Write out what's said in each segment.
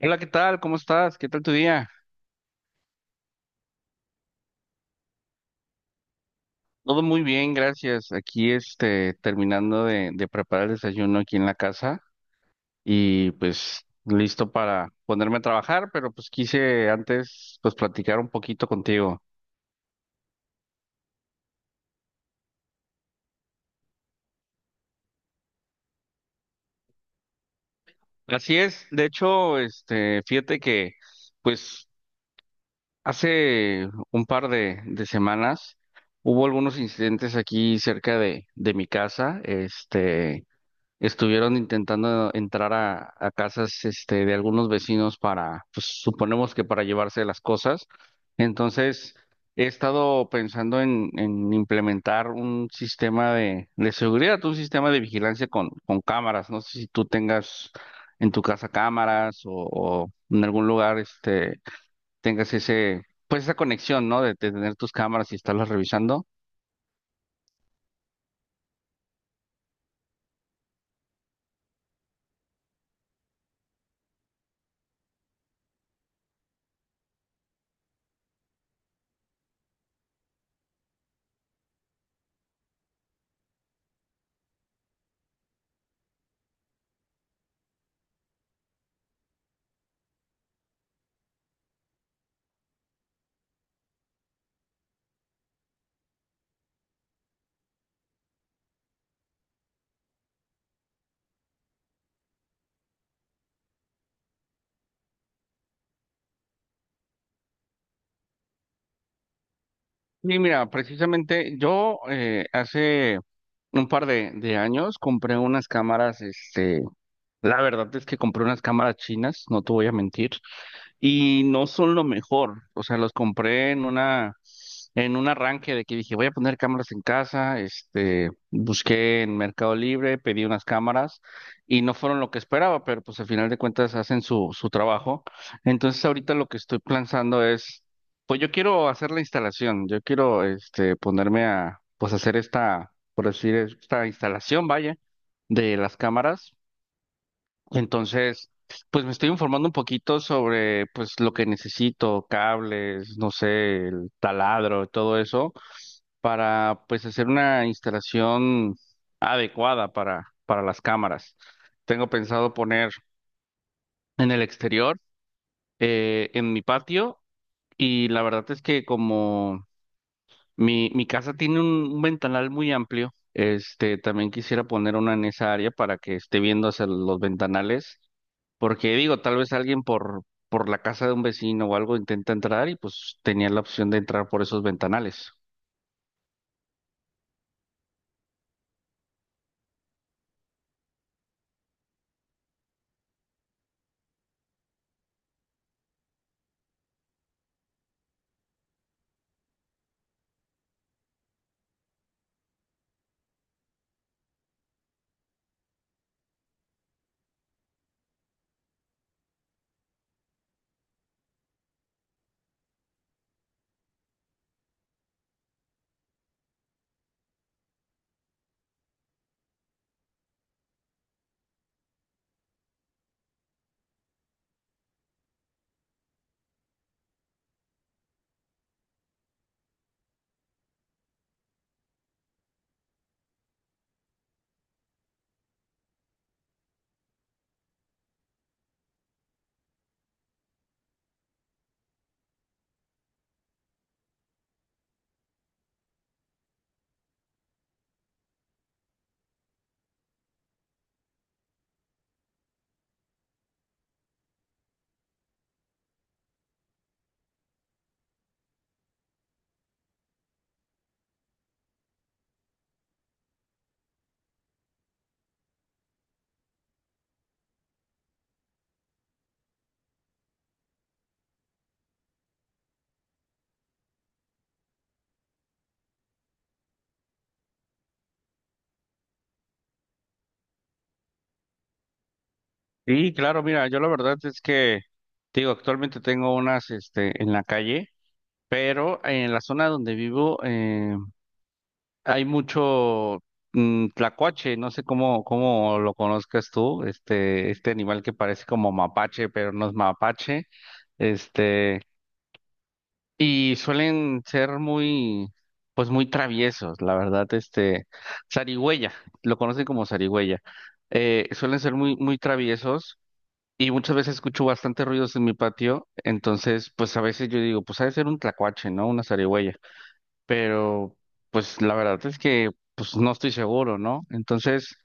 Hola, ¿qué tal? ¿Cómo estás? ¿Qué tal tu día? Todo muy bien, gracias. Aquí, terminando de preparar el desayuno aquí en la casa y pues listo para ponerme a trabajar, pero pues quise antes pues platicar un poquito contigo. Así es, de hecho, fíjate que pues hace un par de semanas hubo algunos incidentes aquí cerca de mi casa, este. Estuvieron intentando entrar a casas este, de algunos vecinos para, pues suponemos que para llevarse las cosas. Entonces, he estado pensando en implementar un sistema de seguridad, un sistema de vigilancia con cámaras. No sé si tú tengas en tu casa cámaras o en algún lugar este, tengas ese, pues esa conexión, ¿no? De tener tus cámaras y estarlas revisando. Sí, mira, precisamente yo hace un par de años compré unas cámaras, este, la verdad es que compré unas cámaras chinas, no te voy a mentir, y no son lo mejor. O sea, los compré en una, en un arranque de que dije, voy a poner cámaras en casa, este, busqué en Mercado Libre, pedí unas cámaras y no fueron lo que esperaba, pero pues al final de cuentas hacen su trabajo. Entonces ahorita lo que estoy pensando es, pues yo quiero hacer la instalación, yo quiero, este, ponerme a, pues hacer esta, por decir, esta instalación, vaya, de las cámaras entonces, pues me estoy informando un poquito sobre pues lo que necesito, cables, no sé, el taladro, todo eso, para pues hacer una instalación adecuada para las cámaras. Tengo pensado poner en el exterior, en mi patio, y la verdad es que como mi casa tiene un ventanal muy amplio, este, también quisiera poner una en esa área para que esté viendo hacia los ventanales porque digo, tal vez alguien por la casa de un vecino o algo intenta entrar y pues tenía la opción de entrar por esos ventanales. Sí, claro, mira, yo la verdad es que, te digo, actualmente tengo unas, este, en la calle, pero en la zona donde vivo hay mucho tlacuache, no sé cómo, cómo lo conozcas tú, este animal que parece como mapache, pero no es mapache, este... Y suelen ser muy, pues muy traviesos, la verdad, este, zarigüeya, lo conocen como zarigüeya. Suelen ser muy, muy traviesos y muchas veces escucho bastantes ruidos en mi patio, entonces, pues a veces yo digo, pues ha de ser un tlacuache, ¿no? Una zarigüeya, pero pues la verdad es que pues no estoy seguro, ¿no? Entonces,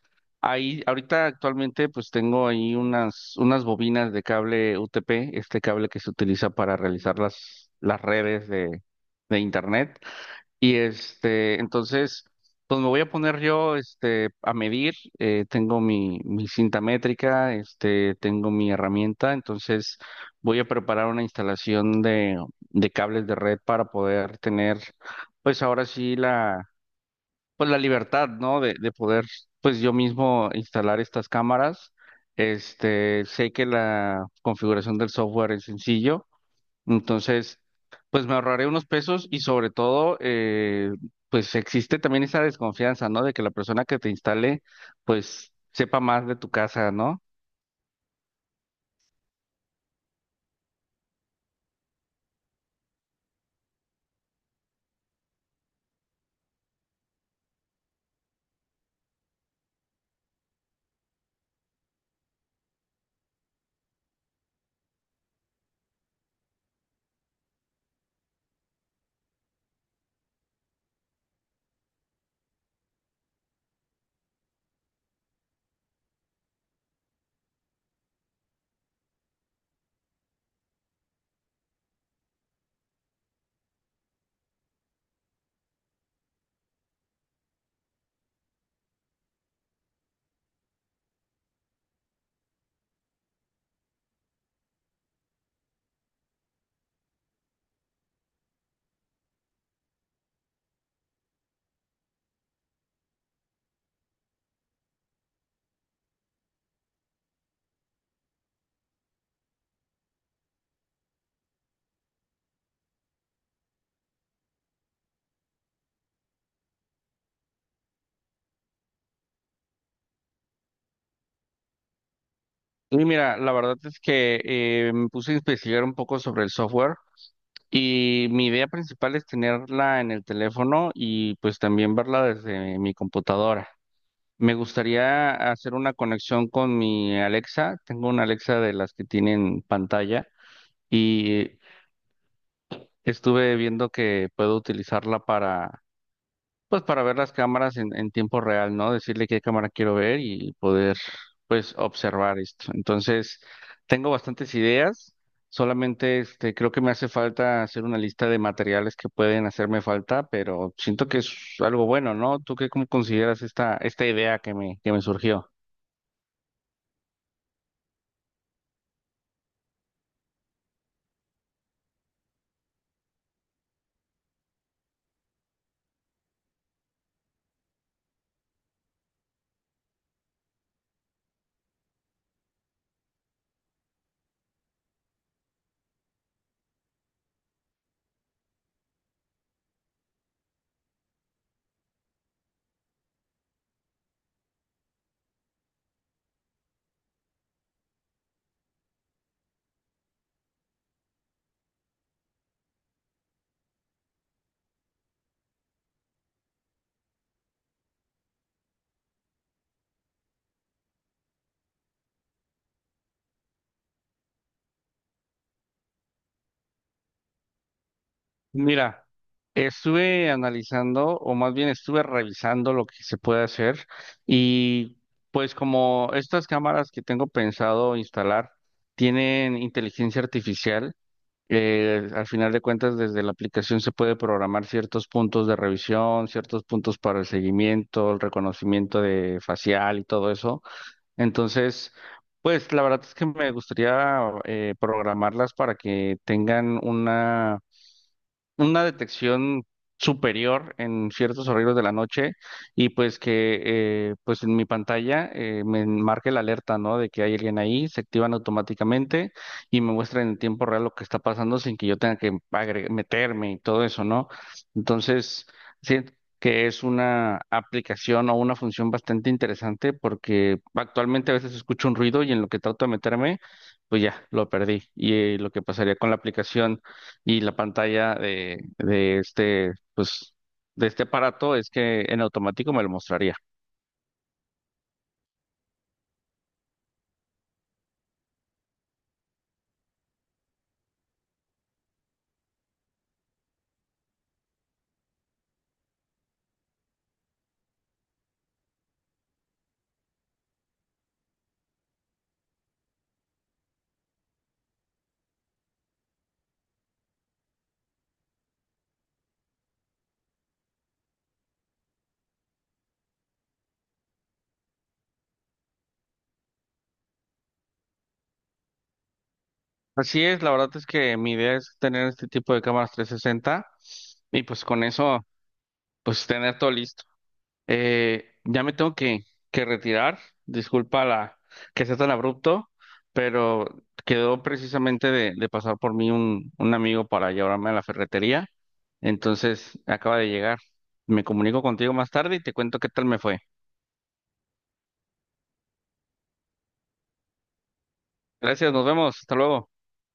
ahí ahorita actualmente pues tengo ahí unas bobinas de cable UTP, este cable que se utiliza para realizar las redes de internet y este, entonces, pues me voy a poner yo este, a medir. Tengo mi cinta métrica, este, tengo mi herramienta. Entonces, voy a preparar una instalación de cables de red para poder tener, pues ahora sí, la, pues la libertad, ¿no? De poder, pues yo mismo instalar estas cámaras. Este, sé que la configuración del software es sencillo. Entonces, pues me ahorraré unos pesos y sobre todo, pues existe también esa desconfianza, ¿no? De que la persona que te instale, pues sepa más de tu casa, ¿no? Y mira, la verdad es que me puse a investigar un poco sobre el software y mi idea principal es tenerla en el teléfono y pues también verla desde mi computadora. Me gustaría hacer una conexión con mi Alexa. Tengo una Alexa de las que tienen pantalla. Y estuve viendo que puedo utilizarla para, pues para ver las cámaras en tiempo real, ¿no? Decirle qué cámara quiero ver y poder, pues, observar esto. Entonces, tengo bastantes ideas. Solamente, este, creo que me hace falta hacer una lista de materiales que pueden hacerme falta, pero siento que es algo bueno, ¿no? ¿Tú qué cómo consideras esta, esta idea que me surgió? Mira, estuve analizando, o más bien estuve revisando lo que se puede hacer y pues como estas cámaras que tengo pensado instalar tienen inteligencia artificial, al final de cuentas desde la aplicación se puede programar ciertos puntos de revisión, ciertos puntos para el seguimiento, el reconocimiento de facial y todo eso. Entonces, pues la verdad es que me gustaría programarlas para que tengan una detección superior en ciertos horarios de la noche y pues que pues en mi pantalla me marque la alerta, ¿no? De que hay alguien ahí, se activan automáticamente y me muestran en tiempo real lo que está pasando sin que yo tenga que meterme y todo eso, ¿no? Entonces, siento que es una aplicación o una función bastante interesante porque actualmente a veces escucho un ruido y en lo que trato de meterme, pues ya, lo perdí. Y lo que pasaría con la aplicación y la pantalla de este, pues, de este aparato es que en automático me lo mostraría. Así es, la verdad es que mi idea es tener este tipo de cámaras 360 y pues con eso, pues tener todo listo. Ya me tengo que retirar, disculpa la que sea tan abrupto, pero quedó precisamente de pasar por mí un amigo para llevarme a la ferretería, entonces acaba de llegar. Me comunico contigo más tarde y te cuento qué tal me fue. Gracias, nos vemos. Hasta luego.